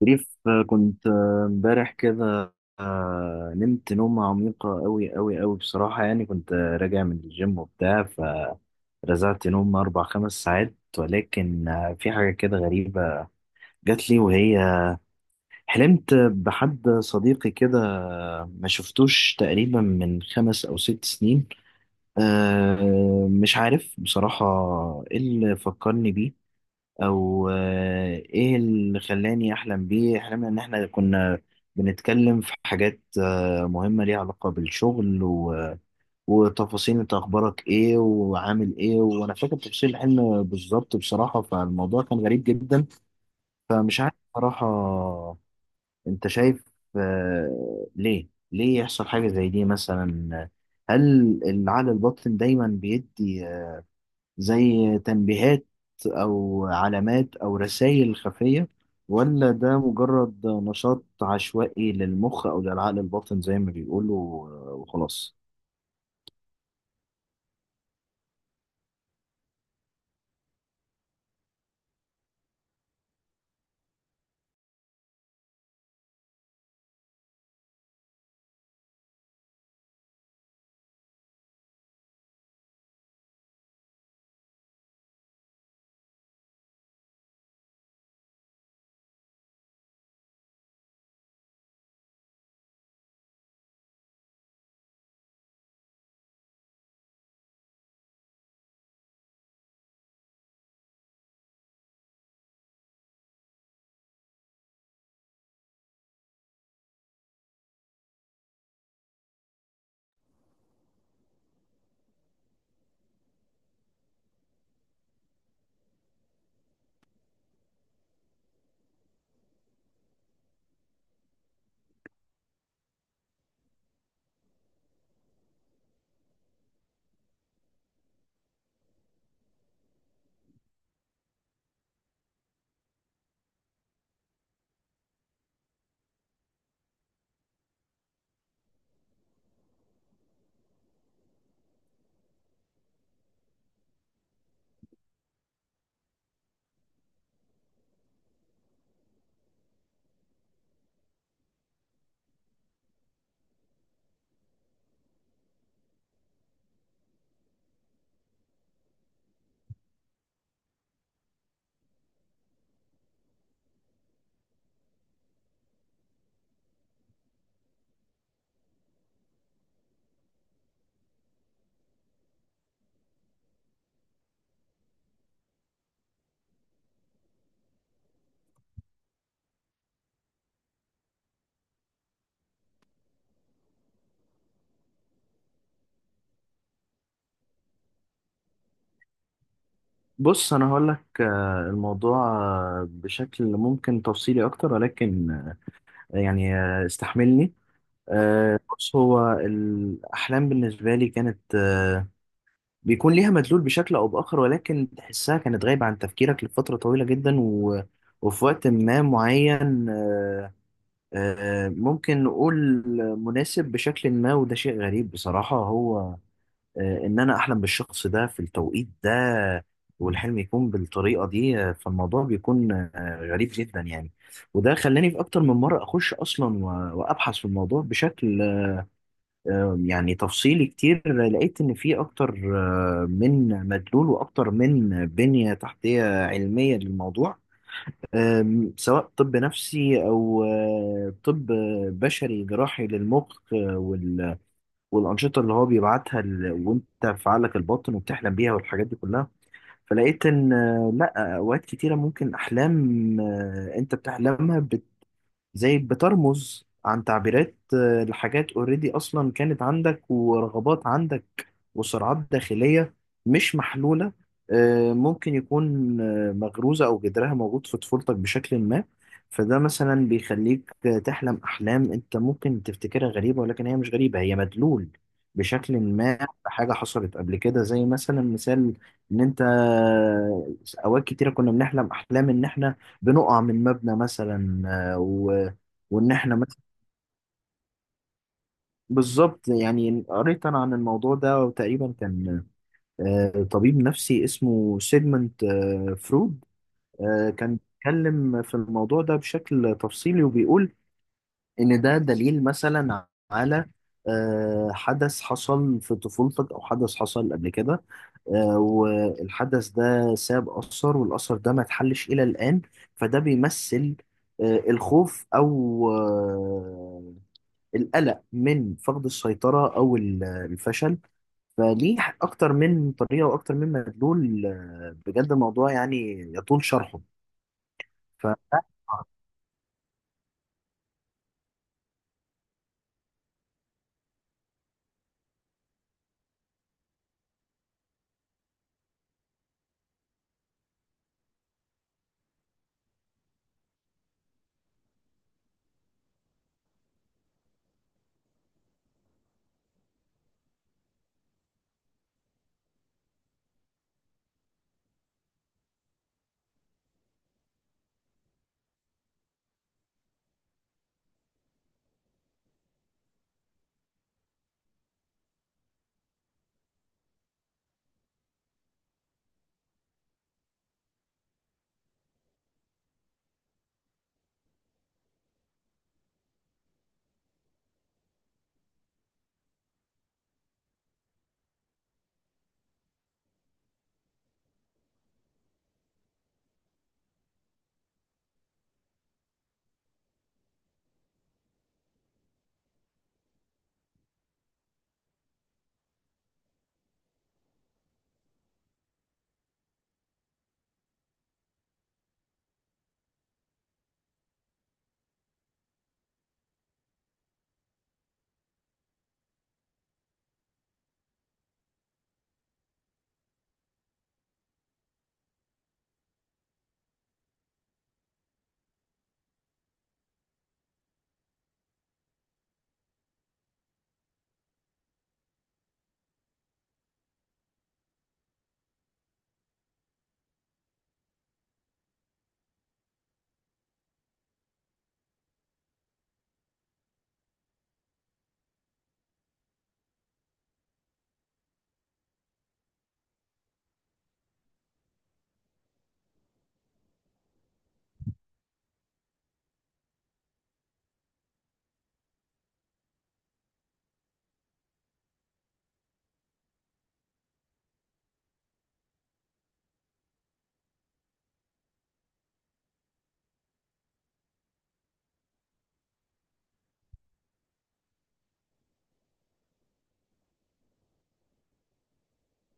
شريف، كنت امبارح كده. نمت نومة عميقة أوي أوي أوي بصراحة. يعني كنت راجع من الجيم وبتاع، فرزعت نوم أربع خمس ساعات، ولكن في حاجة كده غريبة جات لي. وهي حلمت بحد صديقي كده، ما شفتوش تقريبا من خمس أو ست سنين. مش عارف بصراحة إيه اللي فكرني بيه، او ايه اللي خلاني احلم بيه. احلمنا ان احنا كنا بنتكلم في حاجات مهمة ليها علاقة بالشغل وتفاصيل، انت اخبارك ايه وعامل ايه. وانا فاكر تفاصيل الحلم بالظبط بصراحة، فالموضوع كان غريب جدا. فمش عارف بصراحة، انت شايف ليه يحصل حاجة زي دي مثلا؟ هل العقل الباطن دايما بيدي زي تنبيهات أو علامات أو رسائل خفية، ولا ده مجرد نشاط عشوائي للمخ أو للعقل الباطن زي ما بيقولوا وخلاص؟ بص أنا هقول لك الموضوع بشكل ممكن تفصيلي أكتر، ولكن يعني استحملني. بص، هو الأحلام بالنسبة لي كانت بيكون ليها مدلول بشكل او باخر. ولكن تحسها كانت غايبه عن تفكيرك لفتره طويله جدا وفي وقت ما معين ممكن نقول مناسب بشكل ما. وده شيء غريب بصراحه، هو ان انا احلم بالشخص ده في التوقيت ده والحلم يكون بالطريقه دي. فالموضوع بيكون غريب جدا يعني. وده خلاني في اكتر من مره اخش اصلا وابحث في الموضوع بشكل يعني تفصيلي كتير. لقيت إن في أكتر من مدلول وأكتر من بنية تحتية علمية للموضوع. سواء طب نفسي أو طب بشري جراحي للمخ. والأنشطة اللي هو بيبعتها وأنت في عقلك الباطن وبتحلم بيها والحاجات دي كلها. فلقيت إن لأ، أوقات كتيرة ممكن أحلام أنت بتحلمها زي بترمز عن تعبيرات لحاجات اوريدي اصلا كانت عندك، ورغبات عندك، وصراعات داخلية مش محلولة. ممكن يكون مغروزة او جذرها موجود في طفولتك بشكل ما. فده مثلا بيخليك تحلم احلام انت ممكن تفتكرها غريبة، ولكن هي مش غريبة، هي مدلول بشكل ما بحاجة حصلت قبل كده. زي مثلا مثال ان انت اوقات كتيرة كنا بنحلم احلام ان احنا بنقع من مبنى مثلا، وان احنا مثلا بالظبط. يعني قريت انا عن الموضوع ده، وتقريبا كان طبيب نفسي اسمه سيجمنت فرويد. كان بيتكلم في الموضوع ده بشكل تفصيلي وبيقول ان ده دليل مثلا على حدث حصل في طفولتك او حدث حصل قبل كده. والحدث ده ساب اثر، والاثر ده ما اتحلش الى الان. فده بيمثل الخوف، او القلق من فقد السيطرة، أو الفشل. فليه أكتر من طريقة وأكتر من مدلول، بجد الموضوع يعني يطول شرحه. ف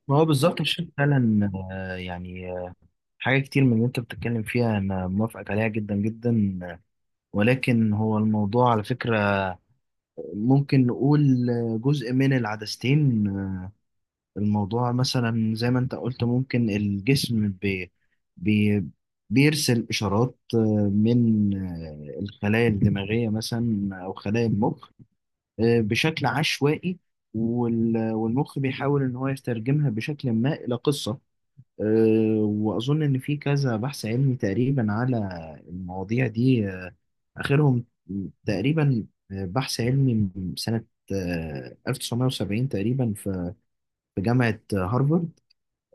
ما هو بالظبط. مش فعلا يعني حاجة كتير من اللي أنت بتتكلم فيها أنا موافقك عليها جدا جدا. ولكن هو الموضوع على فكرة ممكن نقول جزء من العدستين. الموضوع مثلا زي ما انت قلت ممكن الجسم بي بي بيرسل إشارات من الخلايا الدماغية مثلا أو خلايا المخ بشكل عشوائي. والمخ بيحاول إن هو يترجمها بشكل ما إلى قصة. وأظن إن في كذا بحث علمي تقريبا على المواضيع دي. آخرهم تقريبا بحث علمي من سنة 1970 تقريبا، في جامعة هارفارد.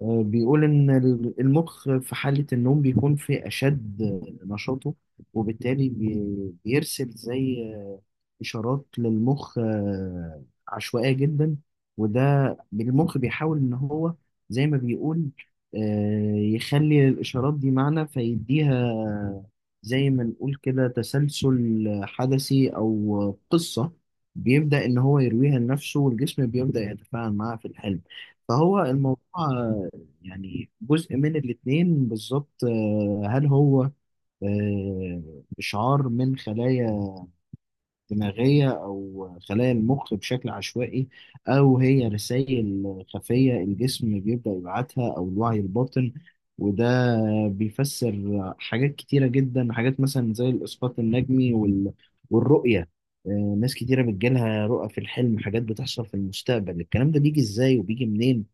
بيقول إن المخ في حالة النوم بيكون في أشد نشاطه. وبالتالي بيرسل زي اشارات للمخ عشوائيه جدا. وده المخ بيحاول ان هو، زي ما بيقول، يخلي الاشارات دي معنى، فيديها زي ما نقول كده تسلسل حدثي او قصه، بيبدا ان هو يرويها لنفسه، والجسم بيبدا يتفاعل معاها في الحلم. فهو الموضوع يعني جزء من الاتنين بالظبط. هل هو إشعار من خلايا دماغية أو خلايا المخ بشكل عشوائي، أو هي رسائل خفية الجسم بيبدأ يبعتها أو الوعي الباطن؟ وده بيفسر حاجات كتيرة جدا، حاجات مثلا زي الإسقاط النجمي والرؤية. ناس كتيرة بتجيلها رؤى في الحلم، حاجات بتحصل في المستقبل. الكلام ده بيجي إزاي وبيجي منين؟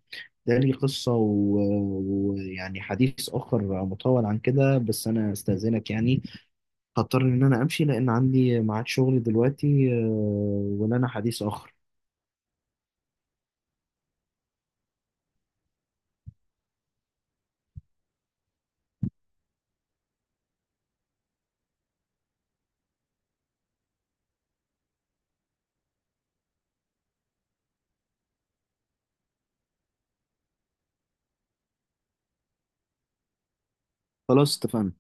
ده ليه قصة ويعني حديث آخر مطول عن كده. بس أنا أستأذنك يعني، هضطر ان انا امشي لان عندي ميعاد شغل دلوقتي. ولنا حديث اخر. خلاص اتفقنا.